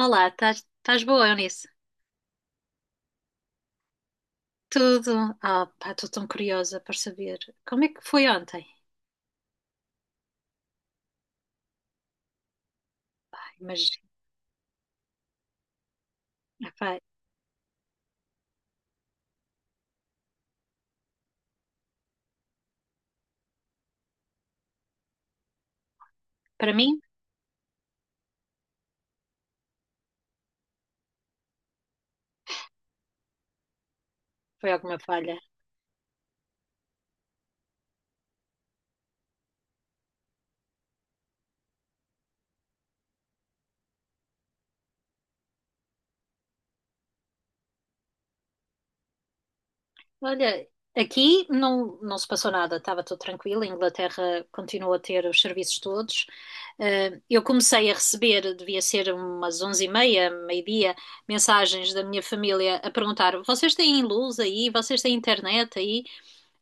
Olá, estás boa, Eunice? Tudo? Estou tão curiosa para saber como é que foi ontem. Ai, mas, epá, para mim, foi alguma falha. Olha, aqui não se passou nada, estava tudo tranquilo. A Inglaterra continua a ter os serviços todos. Eu comecei a receber, devia ser umas onze e meia, meio-dia, mensagens da minha família a perguntar: vocês têm luz aí? Vocês têm internet aí?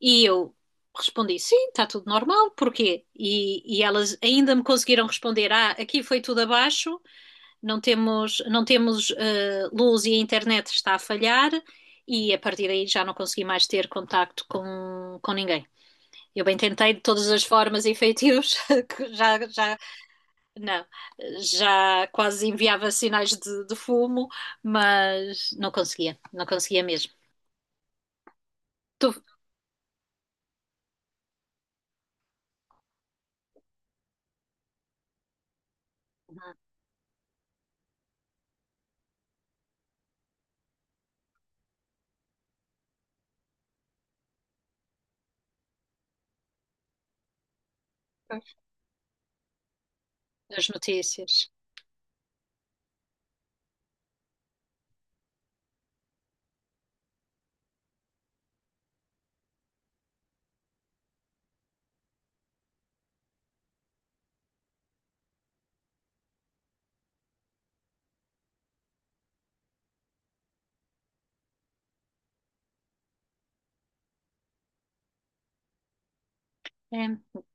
E eu respondi: sim, está tudo normal, porquê? E elas ainda me conseguiram responder: ah, aqui foi tudo abaixo, não temos luz e a internet está a falhar, e a partir daí já não consegui mais ter contacto com ninguém. Eu bem tentei de todas as formas e feitios, que já, já, não, já quase enviava sinais de fumo, mas não conseguia mesmo. Tu, as notícias. É.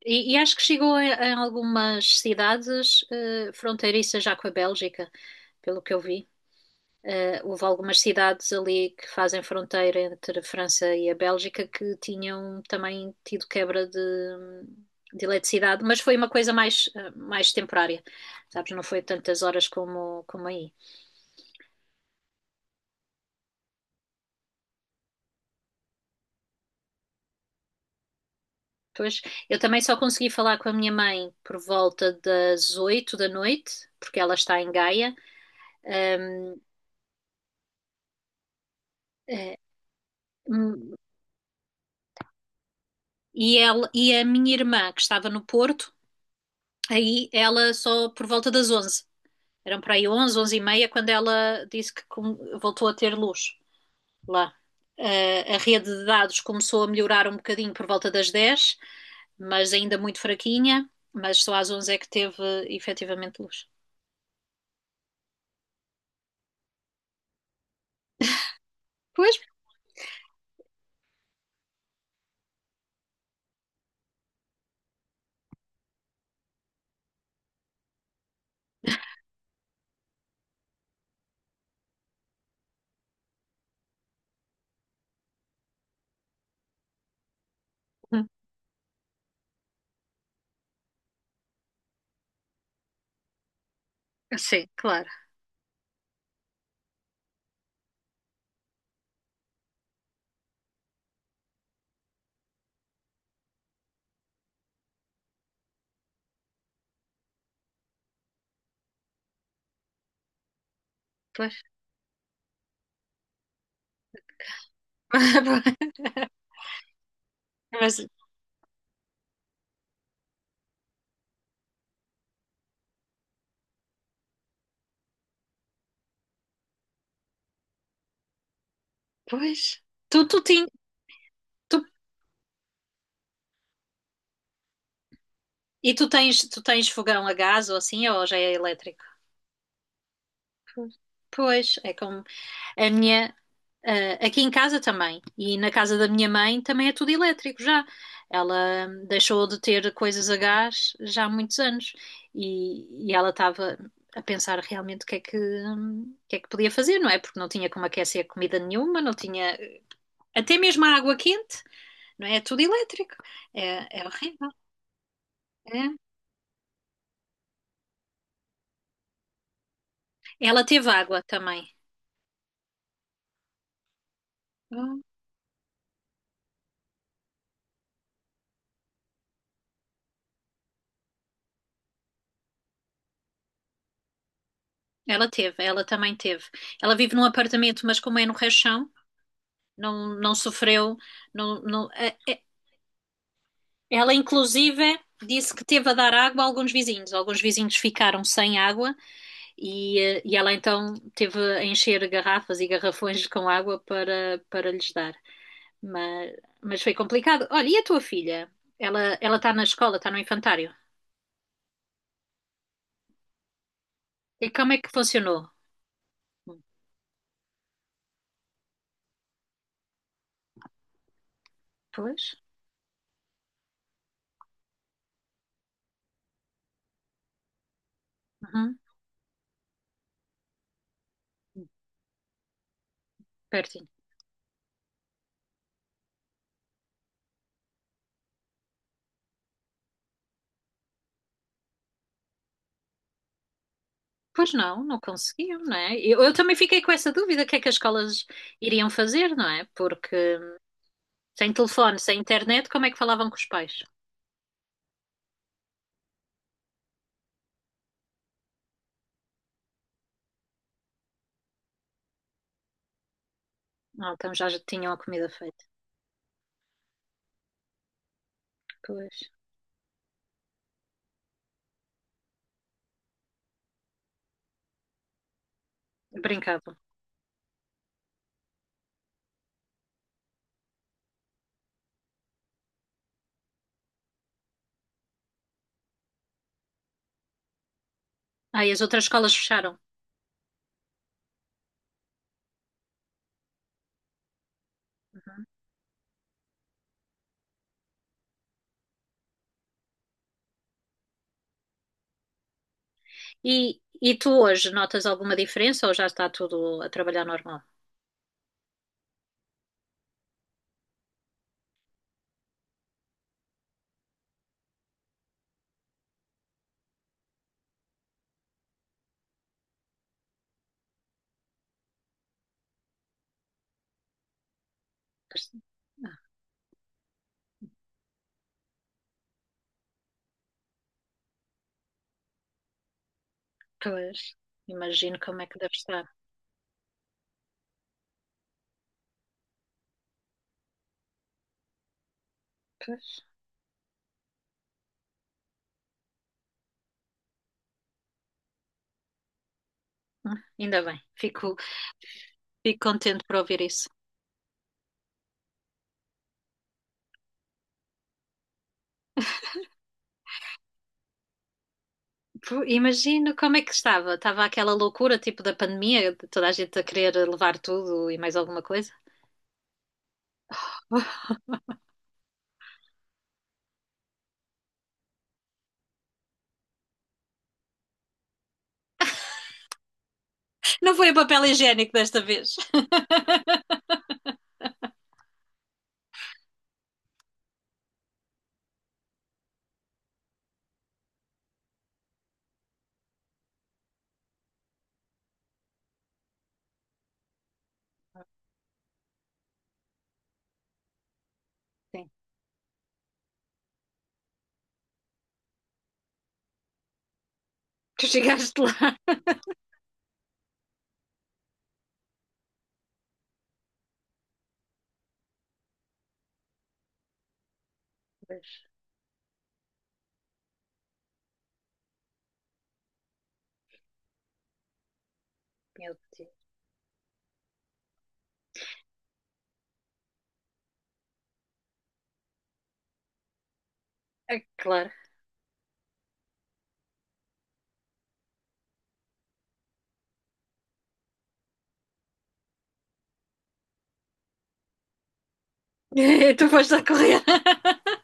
E acho que chegou em algumas cidades fronteiriças já com a Bélgica, pelo que eu vi. Houve algumas cidades ali que fazem fronteira entre a França e a Bélgica que tinham também tido quebra de eletricidade, mas foi uma coisa mais, mais temporária, sabes? Não foi tantas horas como aí. Pois, eu também só consegui falar com a minha mãe por volta das 8 da noite, porque ela está em Gaia. Ahm, eh, hum, E, ela, e a minha irmã, que estava no Porto, aí ela só por volta das onze. Eram por aí onze, e meia, quando ela disse que voltou a ter luz lá. A rede de dados começou a melhorar um bocadinho por volta das dez, mas ainda muito fraquinha. Mas só às 11 é que teve efetivamente luz. Pois, hum, sim, claro. Pois. Mas, pois. Tu, tu, tin- tu, e tu tens fogão a gás ou assim, ou já é elétrico? Pois, pois, é com. A minha, ah, aqui em casa também, e na casa da minha mãe também é tudo elétrico já. Ela deixou de ter coisas a gás já há muitos anos e ela estava a pensar realmente o que é que, o que é que podia fazer, não é? Porque não tinha como aquecer comida nenhuma, não tinha até mesmo a água quente, não é? É tudo elétrico. É, é horrível. É. Ela teve água também. Ela teve, ela também teve. Ela vive num apartamento, mas como é no rechão, não sofreu. Não, não, eh, eh, ela, inclusive, disse que teve a dar água a alguns vizinhos. Alguns vizinhos ficaram sem água e ela então teve a encher garrafas e garrafões com água para lhes dar. Mas, mas foi complicado. Olha, e a tua filha? Ela está na escola, está no infantário. E como é que funcionou? Hum, Pois, uhum, pertinho. Pois não, não conseguiam, não é? Eu também fiquei com essa dúvida, o que é que as escolas iriam fazer, não é? Porque sem telefone, sem internet, como é que falavam com os pais? Ah, então já tinham a comida feita. Pois. Brincavam. Ah, e as outras escolas fecharam. Uhum. E tu hoje notas alguma diferença ou já está tudo a trabalhar normal? Ah, pois. Imagino como é que deve estar. Pois. Ah, ainda bem, fico, fico contente por ouvir isso. Imagino como é que estava. Estava aquela loucura tipo da pandemia, de toda a gente a querer levar tudo e mais alguma coisa. Não foi o papel higiênico desta vez. Sim. Tu chegaste lá. Mas, meu Deus. A- claro. Tu foste a correr.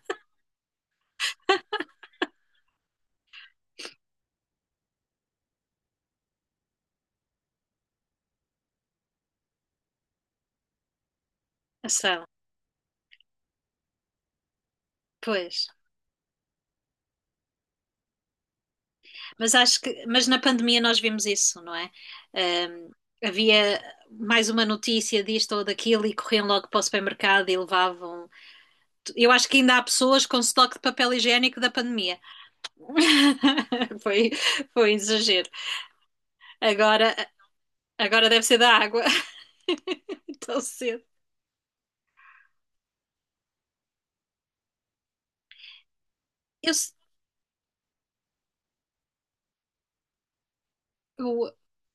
A Sela, pois. Mas acho que, mas na pandemia nós vimos isso, não é? Ahm, Havia mais uma notícia disto ou daquilo e corriam logo para o supermercado e levavam. Eu acho que ainda há pessoas com estoque de papel higiênico da pandemia. Foi, foi um exagero. Agora, agora deve ser da água, tão cedo. Eu, eu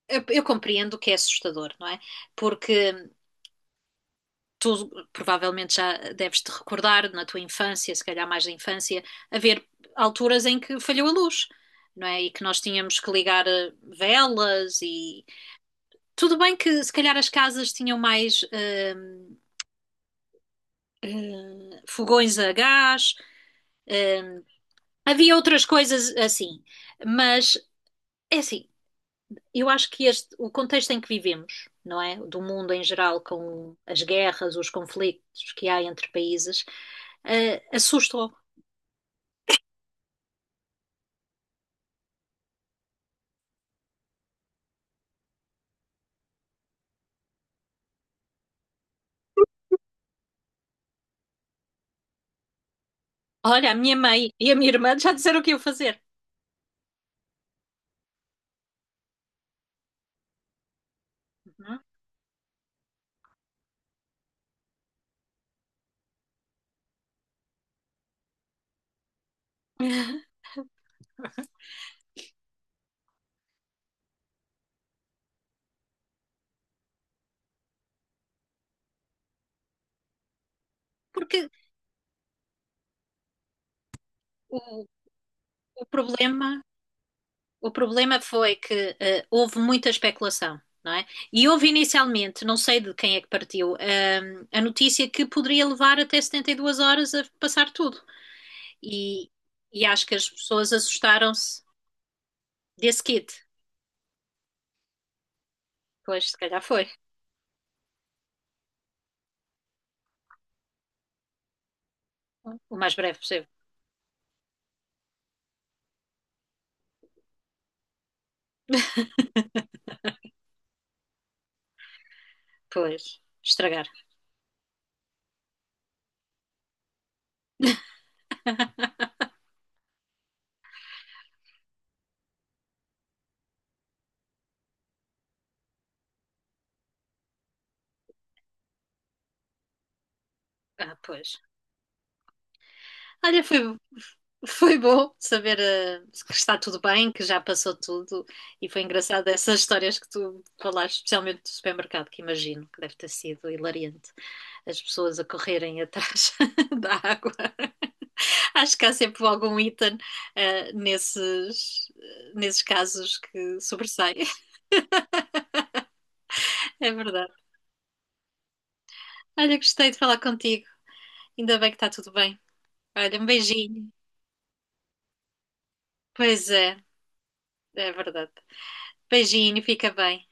eu compreendo que é assustador, não é? Porque tu provavelmente já deves te recordar na tua infância, se calhar mais da infância, haver alturas em que falhou a luz, não é? E que nós tínhamos que ligar velas e tudo bem que se calhar as casas tinham mais fogões a gás, hum, havia outras coisas assim, mas é assim, eu acho que este, o contexto em que vivemos, não é? Do mundo em geral, com as guerras, os conflitos que há entre países, assustou. Olha, a minha mãe e a minha irmã já disseram o que iam fazer. Uhum. Porque o, o problema, o problema foi que houve muita especulação, não é? E houve inicialmente, não sei de quem é que partiu, a notícia que poderia levar até 72 horas a passar tudo. E, e acho que as pessoas assustaram-se desse kit. Pois, se calhar foi. O mais breve possível. Pois, estragar. Ah, pois. Olha, foi, foi bom saber que está tudo bem, que já passou tudo. E foi engraçado essas histórias que tu falaste, especialmente do supermercado, que imagino que deve ter sido hilariante. As pessoas a correrem atrás da água. Acho que há sempre algum item nesses, nesses casos que sobressai. É verdade. Olha, gostei de falar contigo. Ainda bem que está tudo bem. Olha, um beijinho. Pois é, é verdade. Beijinho, fica bem.